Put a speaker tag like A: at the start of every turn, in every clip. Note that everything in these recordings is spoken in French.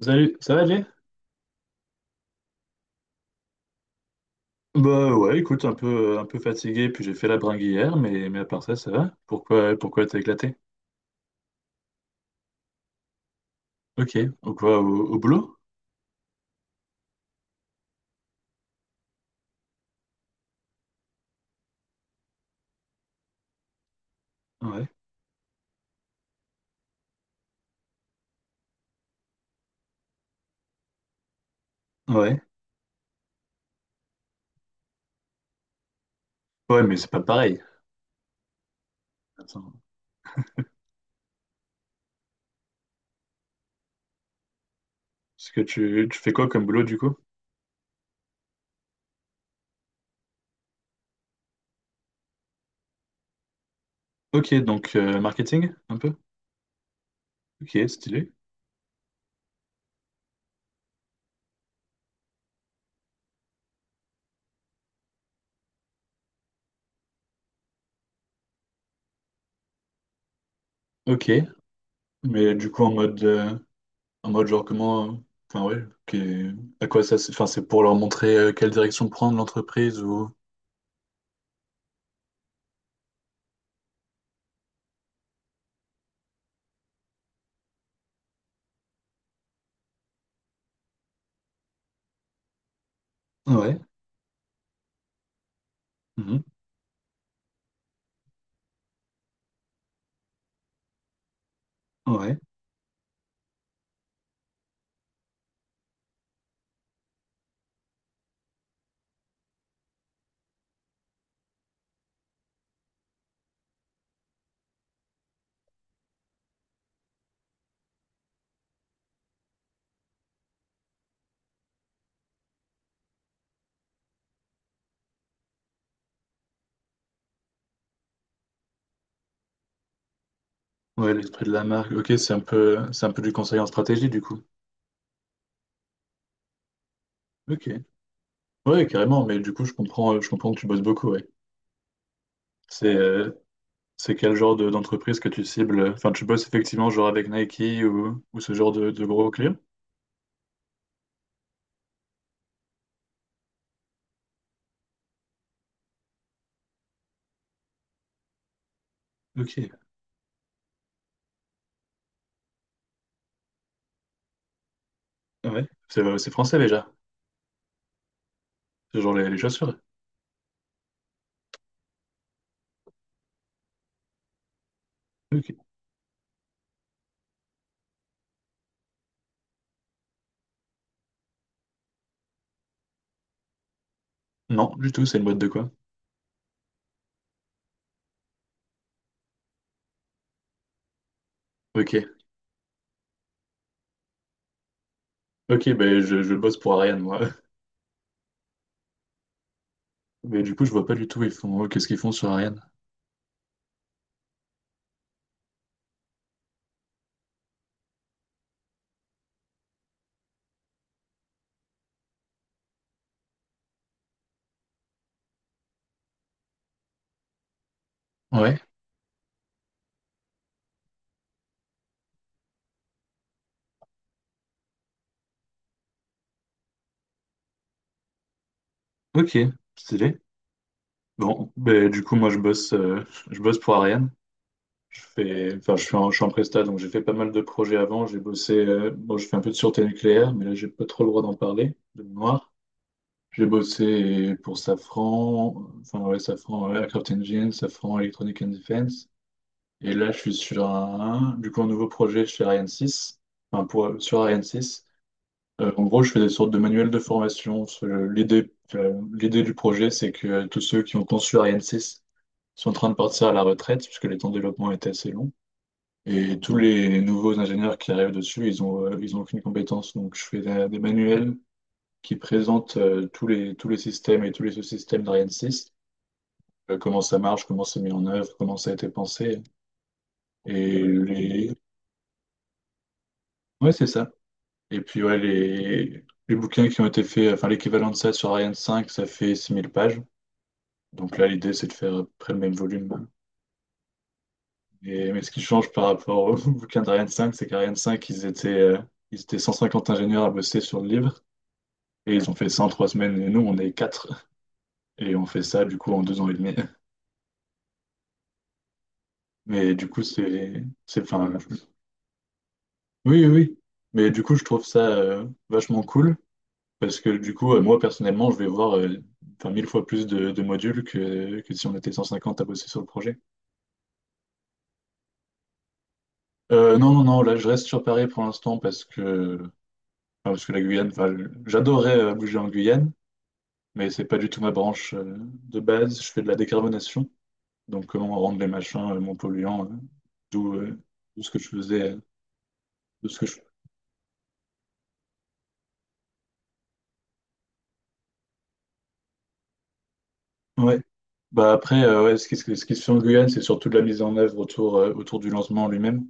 A: Salut, ça va, Jay? Bah ouais, écoute, un peu fatigué, puis j'ai fait la bringue hier, mais à part ça, ça va? Pourquoi t'as éclaté? Ok, ou quoi, au boulot? Ouais, ouais. Ouais, mais c'est pas pareil. Attends, parce que tu fais quoi comme boulot du coup? Ok, donc marketing, un peu? Ok, stylé. Ok, mais du coup en mode genre comment. Enfin ouais, ok. À quoi ça. Enfin, c'est pour leur montrer quelle direction prendre l'entreprise ou. Ouais, mhm, ouais. Ouais, l'esprit de la marque. Ok, c'est un peu du conseil en stratégie, du coup. Ok. Ouais, carrément, mais du coup, je comprends que tu bosses beaucoup, ouais. C'est euh, c'est quel genre d'entreprise que tu cibles? Enfin, tu bosses effectivement genre avec Nike ou ce genre de gros clients? Ok. Ah ouais. C'est français déjà. C'est genre les chaussures. Ok. Non, du tout, c'est une boîte de quoi? Ok. Ok, ben je bosse pour Ariane, moi. Mais du coup, je vois pas du tout, qu'est-ce qu'ils font sur Ariane? Ouais, ok, stylé. Bon, ben du coup, moi, je bosse pour Ariane. Enfin, je suis en presta, donc j'ai fait pas mal de projets avant. Bon, je fais un peu de sûreté nucléaire, mais là, j'ai pas trop le droit d'en parler, de mémoire. J'ai bossé pour Safran, enfin, ouais, Safran Aircraft Engine, Safran Electronic and Defense. Et là, je suis sur du coup, un nouveau projet chez Ariane 6. Enfin, pour, sur Ariane 6. En gros, je fais des sortes de manuels de formation. L'idée du projet, c'est que tous ceux qui ont conçu Ariane 6 sont en train de partir à la retraite, puisque les temps de développement étaient assez longs. Et tous les nouveaux ingénieurs qui arrivent dessus, ils ont aucune compétence. Donc, je fais des manuels qui présentent tous les systèmes et tous les sous-systèmes d'Ariane 6, comment ça marche, comment c'est mis en œuvre, comment ça a été pensé. Et les, Ouais, c'est ça. Et puis, ouais, les bouquins qui ont été faits, enfin, l'équivalent de ça sur Ariane 5, ça fait 6000 pages. Donc là, l'idée, c'est de faire à peu près le même volume. Mais ce qui change par rapport au bouquin d'Ariane 5, c'est qu'Ariane 5 ils étaient 150 ingénieurs à bosser sur le livre. Et ils ont fait ça en 3 semaines. Et nous, on est quatre. Et on fait ça, du coup, en 2 ans et demi. Mais du coup, c'est, enfin, oui, oui. Oui. Mais du coup, je trouve ça vachement cool. Parce que du coup, moi personnellement, je vais voir enfin, 1000 fois plus de modules que si on était 150 à bosser sur le projet. Non, non, non, là je reste sur Paris pour l'instant parce que, enfin, parce que la Guyane, enfin, j'adorerais bouger en Guyane, mais c'est pas du tout ma branche de base. Je fais de la décarbonation, donc comment rendre les machins moins polluants, d'où euh, d'où ce que je faisais, de ce que je... Ouais. Bah après, ouais, ce qui se fait en Guyane, c'est surtout de la mise en œuvre autour du lancement lui-même.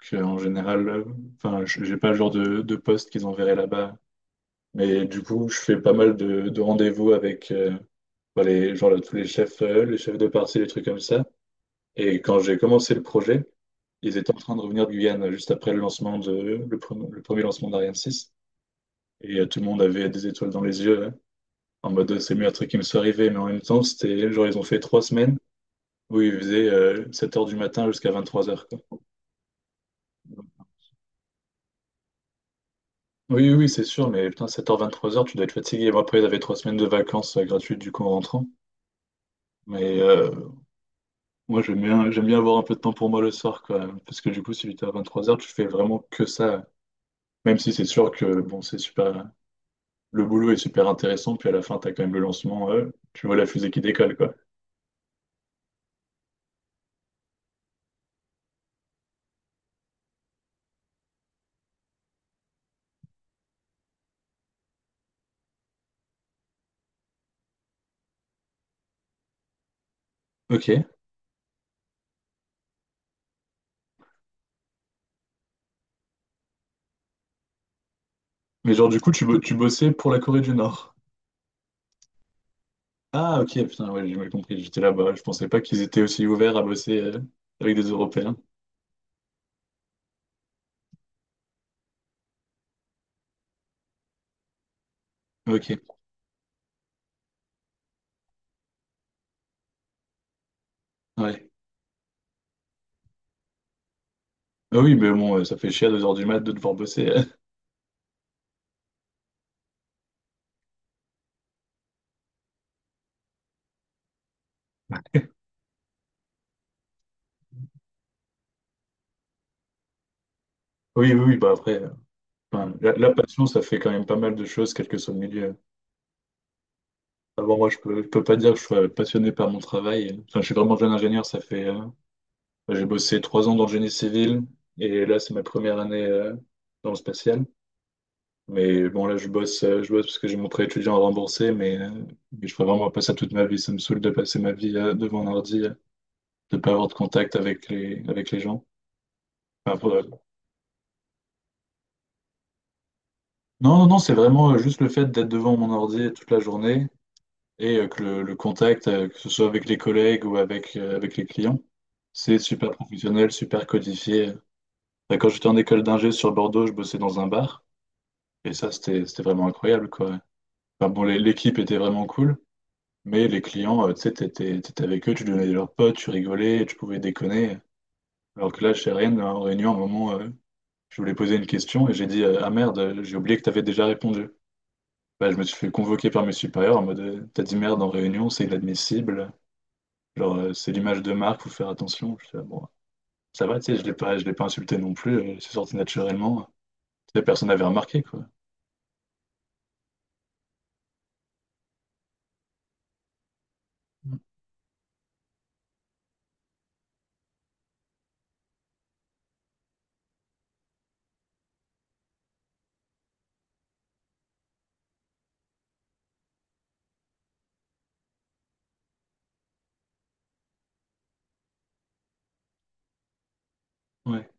A: Que, en général, enfin, j'ai pas le genre de poste qu'ils enverraient là-bas. Mais du coup, je fais pas mal de rendez-vous avec bah, les, genre, là, tous les chefs de parti, les trucs comme ça. Et quand j'ai commencé le projet, ils étaient en train de revenir de Guyane juste après le lancement le premier lancement d'Ariane 6. Et tout le monde avait des étoiles dans les yeux, hein, en mode c'est le meilleur truc qui me soit arrivé. Mais en même temps, c'était genre ils ont fait 3 semaines où ils faisaient 7h du matin jusqu'à 23h, quoi. Oui, oui, oui, c'est sûr, mais putain, sept heures vingt-trois heures tu dois être fatigué. Bon, après, j'avais 3 semaines de vacances gratuites du coup en rentrant. Mais moi, j'aime bien avoir un peu de temps pour moi le soir, quoi. Parce que du coup, si 8h vingt-trois heures tu fais vraiment que ça. Même si c'est sûr que bon, c'est super. Le boulot est super intéressant, puis à la fin, t'as quand même le lancement, tu vois la fusée qui décolle, quoi. Ok. Mais genre, du coup, tu bossais pour la Corée du Nord. Ah, ok, putain, ouais, j'ai mal compris, j'étais là-bas. Je pensais pas qu'ils étaient aussi ouverts à bosser avec des Européens. Ok, ouais. Ah oui, mais bon, ça fait chier à 2h du mat de devoir bosser. Oui, oui, oui, bah après, enfin, la passion, ça fait quand même pas mal de choses, quel que soit le milieu. Avant, moi, je peux pas dire que je sois passionné par mon travail. Enfin, je suis vraiment jeune ingénieur, j'ai bossé 3 ans dans le génie civil, et là, c'est ma première année, dans le spatial. Mais bon, là, je bosse parce que j'ai mon prêt étudiant à rembourser, mais je ferai vraiment pas ça toute ma vie. Ça me saoule de passer ma vie, devant un ordi, de pas avoir de contact avec avec les gens. Enfin, non, non, non, c'est vraiment juste le fait d'être devant mon ordi toute la journée et que le contact, que ce soit avec les collègues ou avec les clients, c'est super professionnel, super codifié. Bah, quand j'étais en école d'ingé sur Bordeaux, je bossais dans un bar et ça, c'était vraiment incroyable, quoi. Enfin, bon, l'équipe était vraiment cool, mais les clients, tu sais, t'étais avec eux, tu devenais leurs potes, tu rigolais, tu pouvais déconner. Alors que là, chez Rennes, en réunion, à un moment, je voulais poser une question et j'ai dit, ah merde, j'ai oublié que t'avais déjà répondu. Bah, je me suis fait convoquer par mes supérieurs en mode t'as dit merde en réunion, c'est inadmissible, genre c'est l'image de marque, faut faire attention. Je fais, ah bon, ça va, tu sais, je l'ai pas insulté non plus, c'est sorti naturellement. Tu sais, personne n'avait remarqué quoi. Ouais,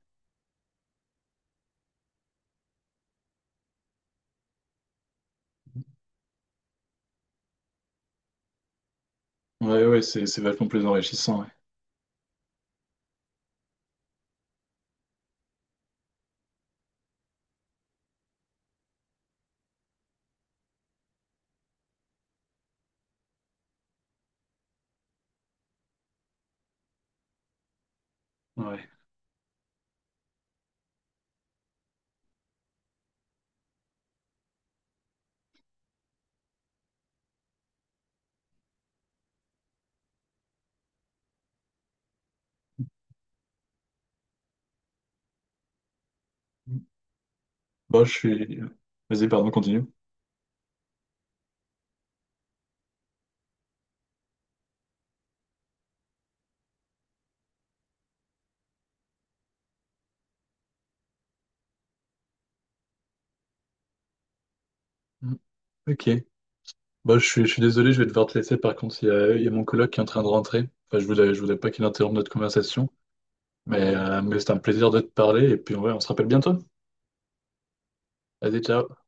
A: ouais, ouais, c'est vachement plus enrichissant. Ouais. Ouais. Mm. Bon, je suis. Vas-y, pardon, continue. Mm. Ok. Bon, je suis désolé, je vais devoir te laisser. Par contre, il y a mon coloc qui est en train de rentrer. Enfin, je voulais pas qu'il interrompe notre conversation, mais c'était un plaisir de te parler. Et puis, ouais, on se rappelle bientôt. Vas-y, ciao.